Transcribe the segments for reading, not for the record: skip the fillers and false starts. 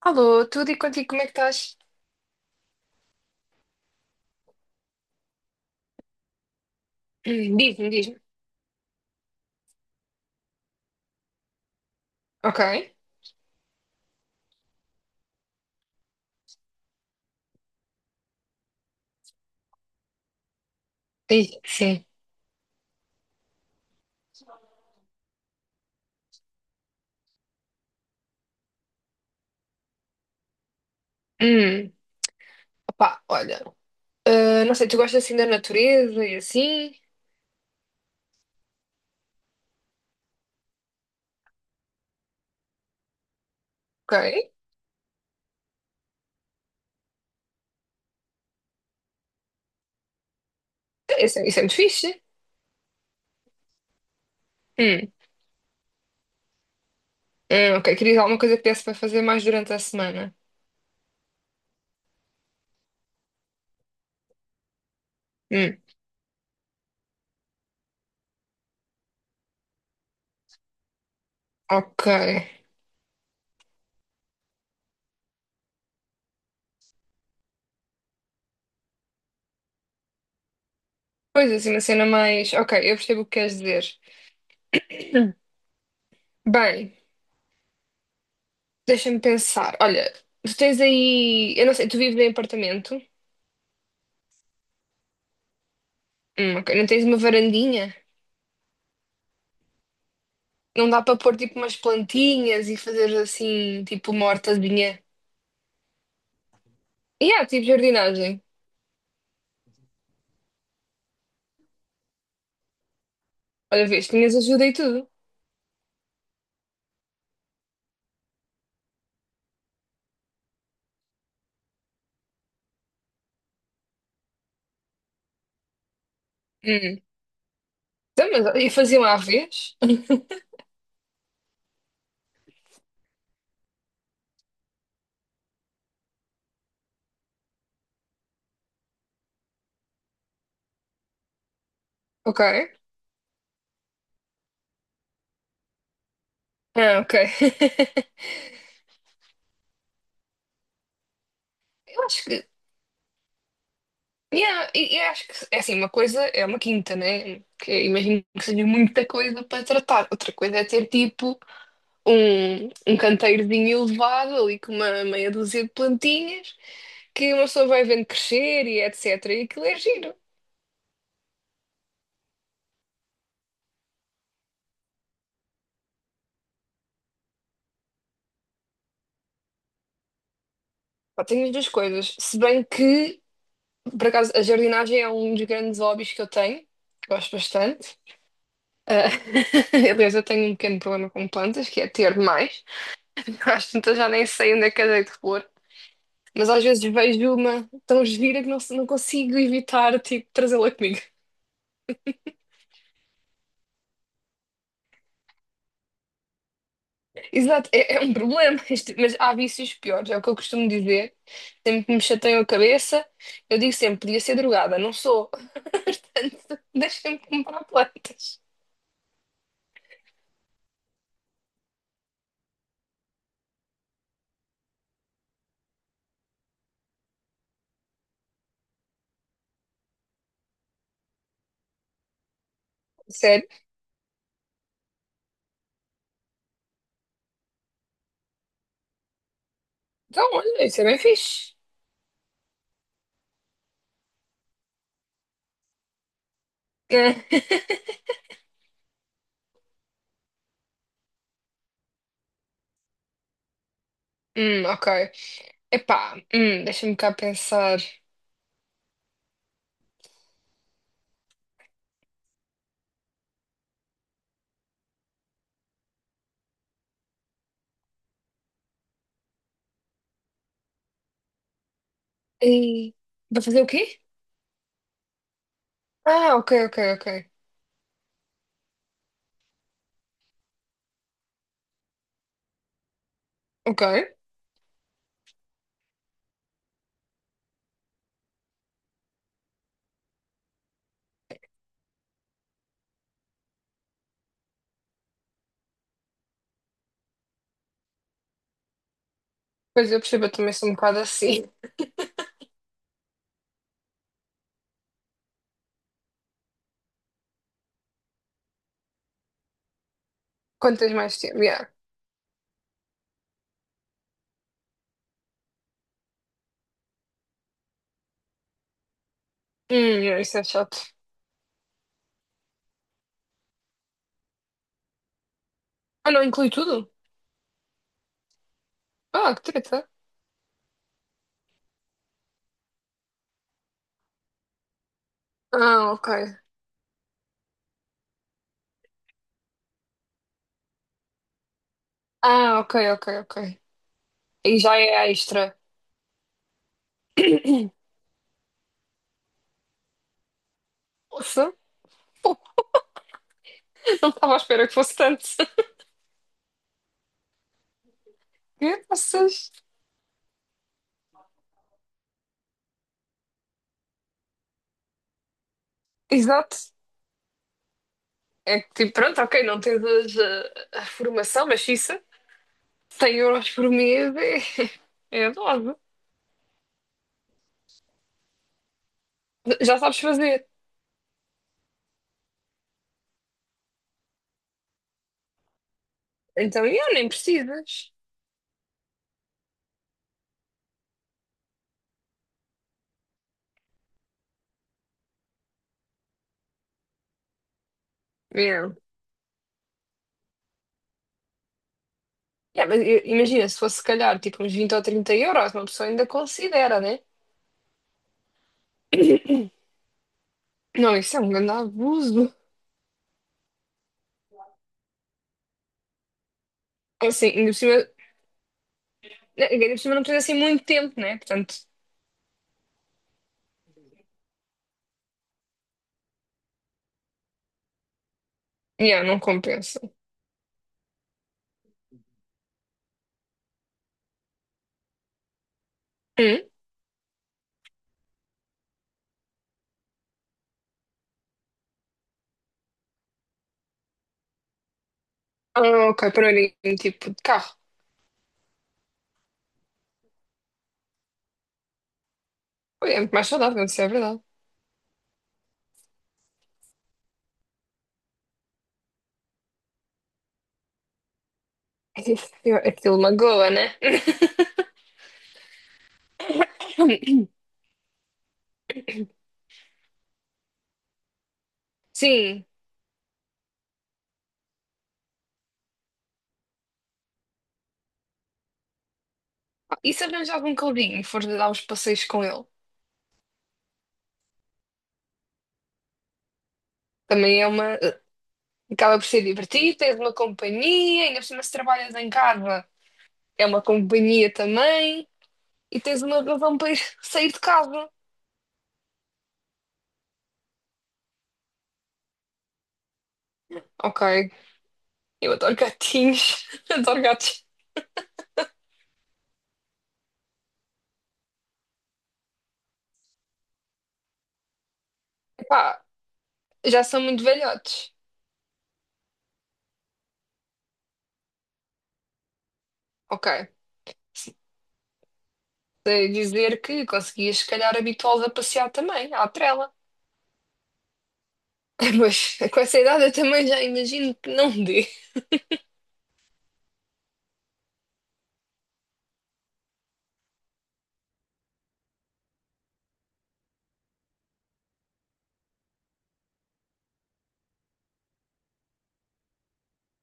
Alô, tudo e contigo, como é que estás? Diz-me, diz-me. Ok. Diz, sim. Hum, Opá, olha. Não sei, tu gostas assim da natureza e assim? Ok. Isso é muito fixe. Hum, ok, querias alguma coisa que desse para fazer mais durante a semana? Hum, ok. Pois assim, uma cena mais. Ok, eu percebo o que queres dizer. Bem, deixa-me pensar. Olha, tu tens aí. Eu não sei, tu vives em apartamento? Ok. Não tens uma varandinha? Não dá para pôr tipo umas plantinhas e fazer assim, tipo uma hortazinha. E há, tipo jardinagem. Olha, vês, tinhas ajuda e tudo. Hum. Então, mas, e faziam à vez? Ok. Ah, ok. Eu acho que. Yeah, eu acho que é assim, uma coisa é uma quinta, né? Que eu imagino que seja muita coisa para tratar. Outra coisa é ter tipo um canteirozinho elevado ali com uma meia dúzia de plantinhas que uma pessoa vai vendo crescer e etc. E aquilo é giro. Pá, tenho muitas coisas. Se bem que, por acaso, a jardinagem é um dos grandes hobbies que eu tenho, que gosto bastante. Ah, aliás, eu tenho um pequeno problema com plantas, que é ter demais. Às tantas já nem sei onde é que eu dei de repor. Mas às vezes vejo uma tão gira que não, não consigo evitar, tipo, trazê-la comigo. Exato, é um problema, isto- mas há vícios piores, é o que eu costumo dizer. Sempre que me chateiam a cabeça, eu digo sempre, podia ser drogada, não sou. Portanto, deixem-me comprar plantas. Sério. Então, olha, isso é bem fixe. Ok. Epá, deixa-me cá pensar. E... Vai fazer o quê? Ah, ok, ok, ok. Ok. Pois eu percebo, eu também sou um bocado assim. Quanto tens mais tempo? Yeah. Yeah, isso é chato. Ah, não inclui tudo? Ah, que treta. Ah, ok. Ah, ok, ok, ok. E já é extra. Nossa, pô, não estava à espera que fosse tanto. Que vocês? Exato. É que, tipo, pronto, ok, não tens a formação, mas isso. 100 euros por mês é dose. Já sabes fazer. Então, yeah, nem precisas. Yeah. Yeah, mas imagina, se fosse se calhar tipo uns 20 ou 30 euros, uma pessoa ainda considera, né? Não, isso é um grande abuso. É assim, ainda por cima, né, ainda por cima não precisa assim muito tempo, né? Portanto, yeah, não compensa. Hum? Ah, ok, para mim, tipo, de carro. Olha, é muito mais saudável, isso é verdade. Eu- aquilo magoa, né? Sim. E se arranjar algum caldinho e for dar uns passeios com ele? Também é uma. Acaba por ser divertido, tens uma companhia, ainda por cima se trabalhas em casa, é uma companhia também, e tens uma razão para ir sair de casa. Ok, eu adoro gatinhos, adoro gatos. Epá, já são muito velhotes. Ok, sei dizer que conseguias se calhar habituá-los a passear também, à trela. Mas com essa idade eu também já imagino que não dê.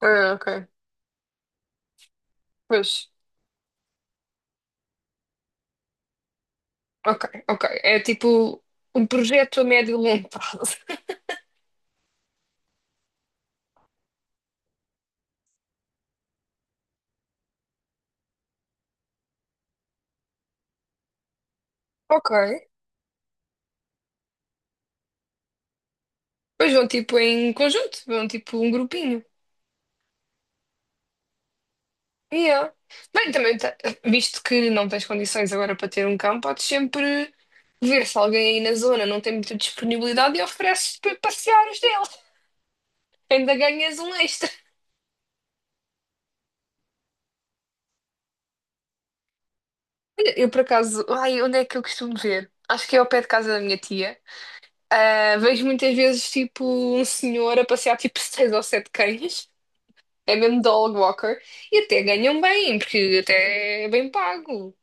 Ah, ok, pois, ok, ok. É tipo um projeto a médio e longo prazo. Ok. Pois vão tipo em conjunto, vão tipo um grupinho. Yeah. Bem, também, tá- visto que não tens condições agora para ter um cão, podes sempre ver se alguém aí na zona não tem muita disponibilidade e ofereces para passear os dele. Ainda ganhas um extra. Eu, por acaso, ai, onde é que eu costumo ver? Acho que é ao pé de casa da minha tia. Ah, vejo muitas vezes tipo um senhor a passear tipo 6 ou 7 cães. É mesmo dog walker. E até ganham bem, porque até é bem pago.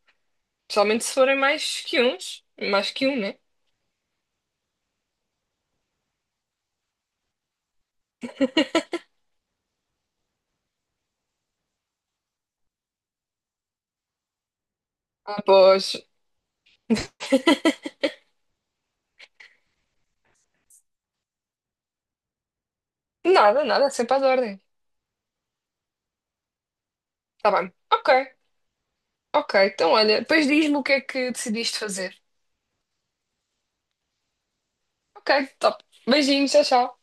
Principalmente se forem mais que um, né? Após. Nada, nada, é sempre às ordens. Tá bem. Ok, ok. Então, olha, depois diz-me o que é que decidiste fazer. Ok, top. Beijinhos, tchau, tchau.